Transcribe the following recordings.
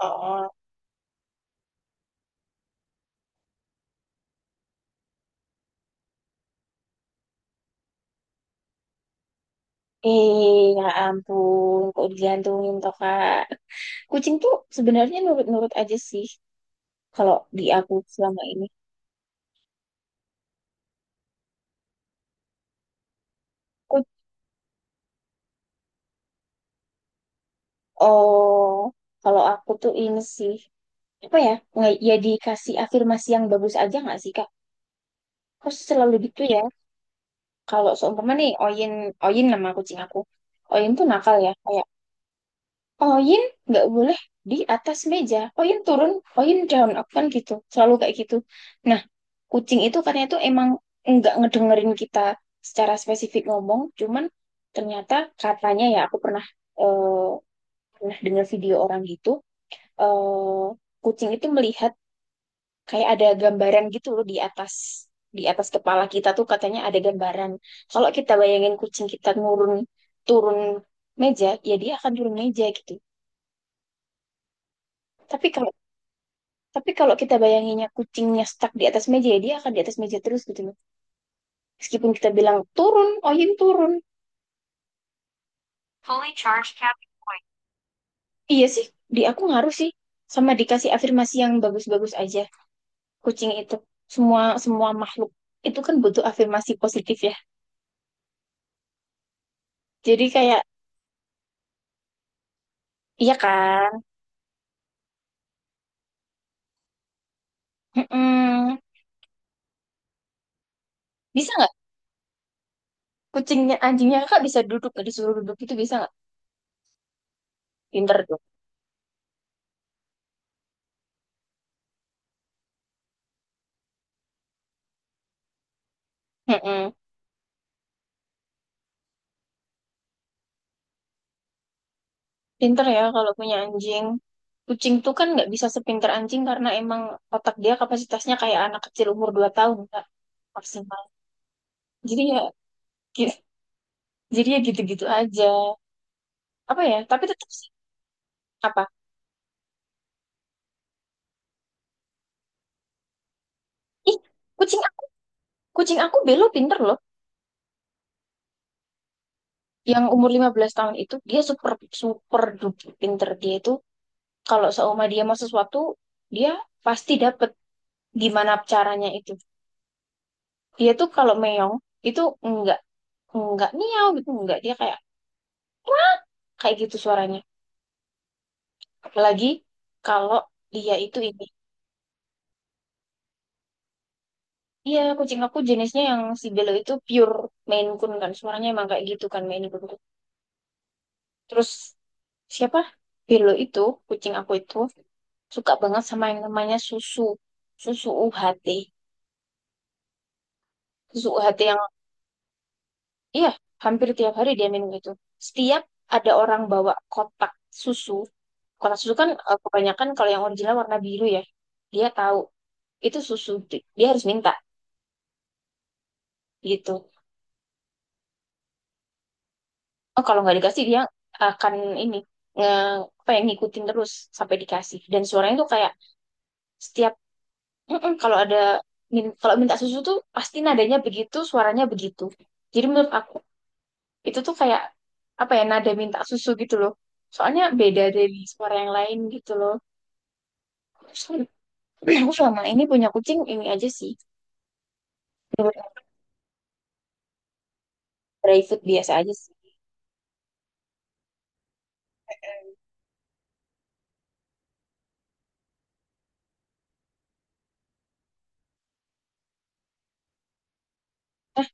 Oh, ya ampun, kok digantungin toh, Kak. Kucing tuh sebenarnya nurut-nurut aja sih kalau di aku selama ini. Ku- oh, kalau aku tuh ini sih apa ya? Nggak, ya dikasih afirmasi yang bagus aja nggak sih, Kak? Kok selalu gitu ya? Kalau seumpama nih Oyin, Oyin nama kucing aku. Oyin tuh nakal ya, kayak Oyin nggak boleh di atas meja. Oyin turun, Oyin down. Aku kan gitu, selalu kayak gitu. Nah, kucing itu katanya itu emang nggak ngedengerin kita secara spesifik ngomong, cuman ternyata katanya ya aku eh, pernah dengar video orang gitu, eh, kucing itu melihat kayak ada gambaran gitu loh di atas kepala kita tuh katanya ada gambaran. Kalau kita bayangin kucing kita turun turun meja, ya dia akan turun meja gitu. Tapi kalau Tapi kalau kita bayanginnya kucingnya stuck di atas meja, ya dia akan di atas meja terus gitu loh. Meskipun kita bilang turun, Oyun turun. Fully charged cat. Iya sih, di aku ngaruh sih. Sama dikasih afirmasi yang bagus-bagus aja. Kucing itu, semua semua makhluk itu kan butuh afirmasi positif ya. Jadi kayak, iya kan? Mm-mm. Bisa nggak anjingnya kakak bisa duduk, nggak disuruh duduk itu bisa nggak? Pinter tuh. Mm-mm. Pinter ya kalau punya anjing. Kucing tuh kan nggak bisa sepinter anjing karena emang otak dia kapasitasnya kayak anak kecil umur 2 tahun Kak, maksimal. Jadi ya gi- jadi ya gitu-gitu aja. Apa ya? Tapi tetap sih apa? Ih, kucing aku, kucing aku Belo pinter loh. Yang umur 15 tahun itu dia super super duper pinter dia itu kalau seumur dia mau sesuatu dia pasti dapet gimana caranya itu. Dia tuh kalau meong itu enggak miau gitu enggak dia kayak kayak gitu suaranya. Apalagi kalau dia itu ini. Iya, kucing aku jenisnya yang si Belo itu pure Maine Coon kan. Suaranya emang kayak gitu kan Maine Coon. Terus siapa? Belo itu, kucing aku itu suka banget sama yang namanya susu. Susu UHT. Susu UHT yang iya, hampir tiap hari dia minum itu. Setiap ada orang bawa kotak susu. Kotak susu kan kebanyakan kalau yang original warna biru ya. Dia tahu itu susu. Dia harus minta gitu. Oh, kalau nggak dikasih dia akan ini nge apa ya, ngikutin terus sampai dikasih. Dan suaranya tuh kayak setiap "Mm-mm," kalau ada kalau minta susu tuh pasti nadanya begitu, suaranya begitu. Jadi menurut aku itu tuh kayak apa ya nada minta susu gitu loh. Soalnya beda dari suara yang lain gitu loh. Terus aku selama ini punya kucing ini aja sih. Menurut aku Private biasa aja sih. Ah,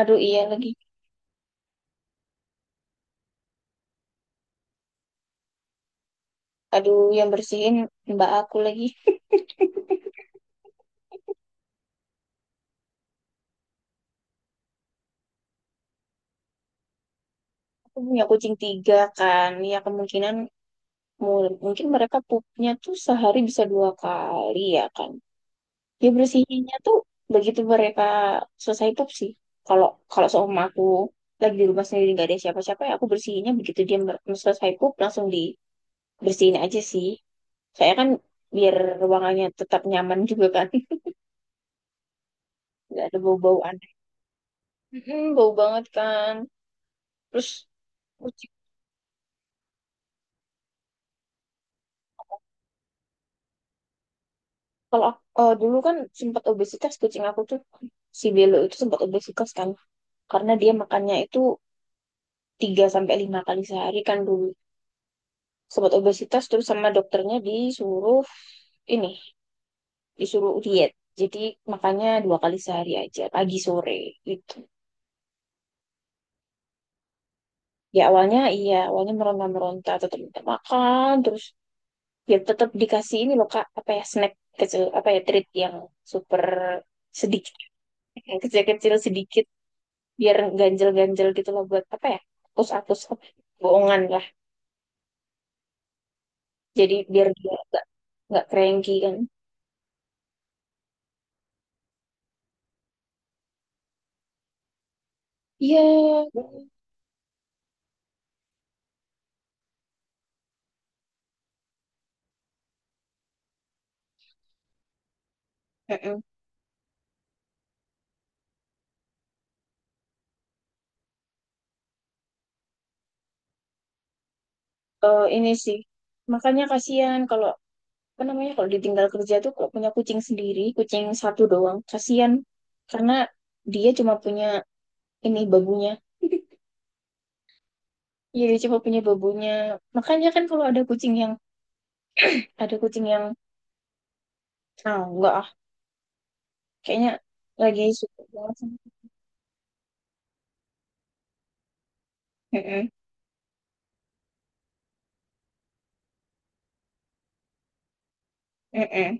aduh iya lagi. Aduh yang bersihin mbak aku lagi. Aku punya kucing tiga kan ya kemungkinan Mungkin mereka pupnya tuh sehari bisa dua kali ya kan. Ya bersihinnya tuh begitu mereka selesai pup sih. Kalau kalau seumpama aku lagi di rumah sendiri nggak ada siapa-siapa ya aku bersihinnya begitu dia selesai pup langsung dibersihin aja sih. Saya kan biar ruangannya tetap nyaman juga kan. Nggak ada bau-bau aneh. Mm-mm, bau banget kan. Terus kucing dulu kan sempat obesitas kucing aku tuh si Belo itu sempat obesitas kan karena dia makannya itu tiga sampai lima kali sehari kan dulu sobat obesitas terus sama dokternya disuruh ini disuruh diet jadi makanya dua kali sehari aja pagi sore gitu. Ya awalnya iya awalnya meronta-meronta tetap minta makan terus ya tetap dikasih ini loh kak apa ya snack kecil apa ya treat yang super sedikit yang kecil-kecil sedikit biar ganjel-ganjel gitu loh buat apa ya hapus-hapus bohongan lah jadi biar dia nggak cranky kan iya. Mm-mm. Ini sih makanya kasihan kalau apa namanya kalau ditinggal kerja tuh kalau punya kucing sendiri kucing satu doang kasihan karena dia cuma punya ini babunya. Iya, dia cuma punya babunya. Makanya kan kalau ada kucing yang ah enggak ah kayaknya lagi suka banget sama. Mm-mm, mm-mm.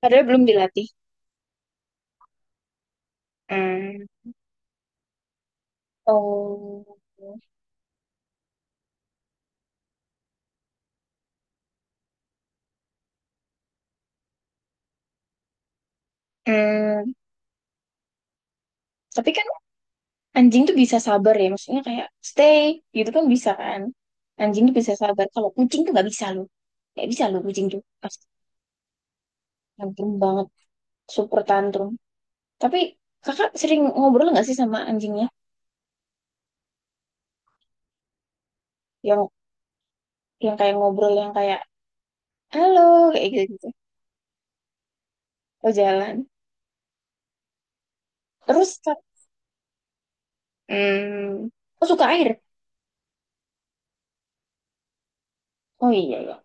Padahal belum dilatih. Mm. Oh. Mm. Tapi kan anjing tuh bisa sabar ya, maksudnya kayak stay gitu kan bisa kan. Anjing tuh bisa sabar, kalau kucing tuh nggak bisa loh. Nggak bisa loh kucing tuh, pasti tantrum banget, super tantrum. Tapi kakak sering ngobrol nggak sih sama anjingnya? Yang yang kayak ngobrol yang kayak halo kayak gitu-gitu. Oh, jalan. Terus Kak, hmm, oh suka air. Oh, iya iya.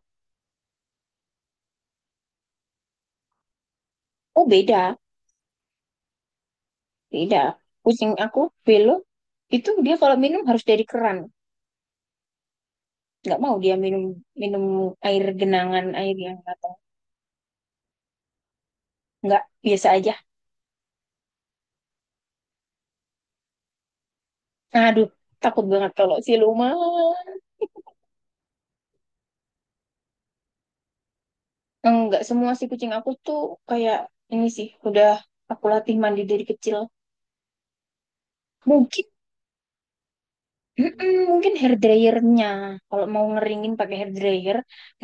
Oh, beda, beda. Kucing aku Belo itu dia kalau minum harus dari keran. Nggak mau dia minum minum air genangan air yang. Enggak, biasa aja. Aduh, takut banget kalau siluman. Enggak, semua sih kucing aku tuh kayak ini sih, udah aku latih mandi dari kecil. Mungkin, mm-mm, mungkin hair dryernya. Kalau mau ngeringin pakai hair dryer,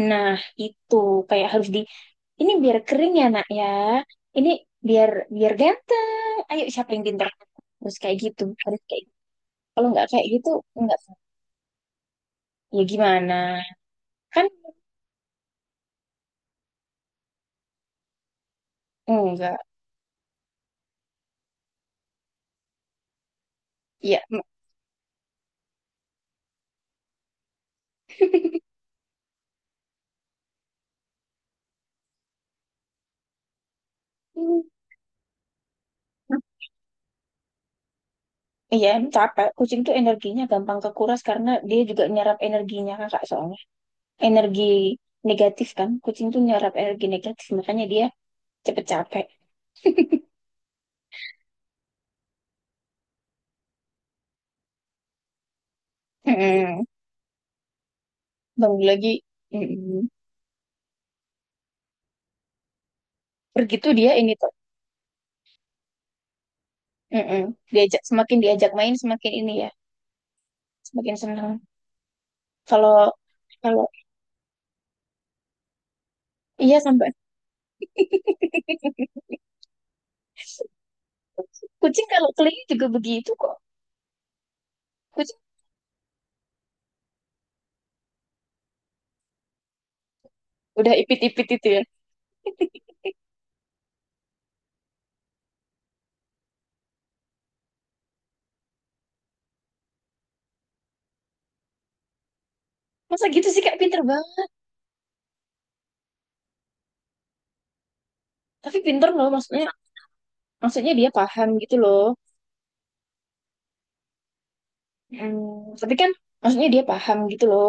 nah itu kayak harus ini biar kering ya nak ya. Ini biar biar ganteng. Ayo siapa yang pintar? Terus kayak gitu, harus kayak gitu. Kalau nggak kayak gitu, enggak. Ya gimana? Kan enggak. Ya, iya, emang capek. Kucing tuh energinya gampang kekuras karena dia juga nyerap energinya kakak soalnya. Energi negatif kan. Kucing tuh nyerap energi negatif, makanya dia cepet capek. Mm-mm. Bangun lagi. Mm-mm. Begitu dia ini tuh. Mm-mm. Diajak, semakin diajak main, semakin ini ya. Semakin senang. Kalau, kalau, iya sampai. Kucing kalau keliling juga begitu kok. Kucing udah ipit-ipit itu ya. Masa gitu sih Kak, pinter banget. Tapi pinter loh, maksudnya, dia paham gitu loh. Hmm, tapi kan maksudnya dia paham gitu loh,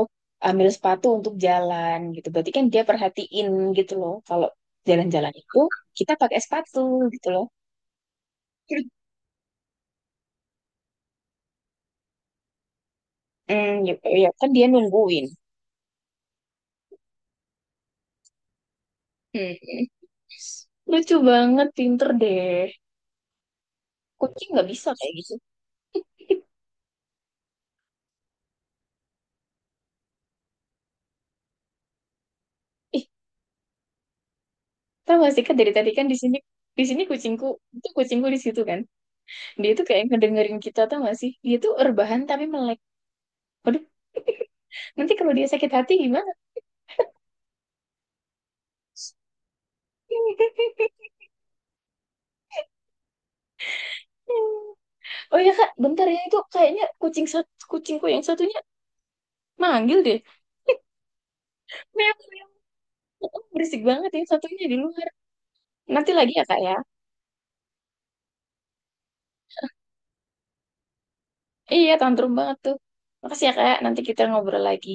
ambil sepatu untuk jalan gitu. Berarti kan dia perhatiin gitu loh, kalau jalan-jalan itu kita pakai sepatu gitu loh. Hmm, ya, ya kan dia nungguin. Hmm. Lucu banget, pinter deh. Kucing nggak bisa kayak gitu. Ih, tau gak sih kan dari tadi kan di sini kucingku itu kucingku di situ kan. Dia tuh kayak ngedengerin kita tau gak sih? Dia tuh rebahan tapi melek. Waduh, nanti kalau dia sakit hati gimana? Oh iya kak, bentar ya itu kayaknya kucing satu, kucingku yang satunya manggil deh. Meow, meow. Oh, berisik banget yang satunya di luar. Nanti lagi ya kak ya. Iya, tantrum banget tuh. Makasih ya kak, nanti kita ngobrol lagi.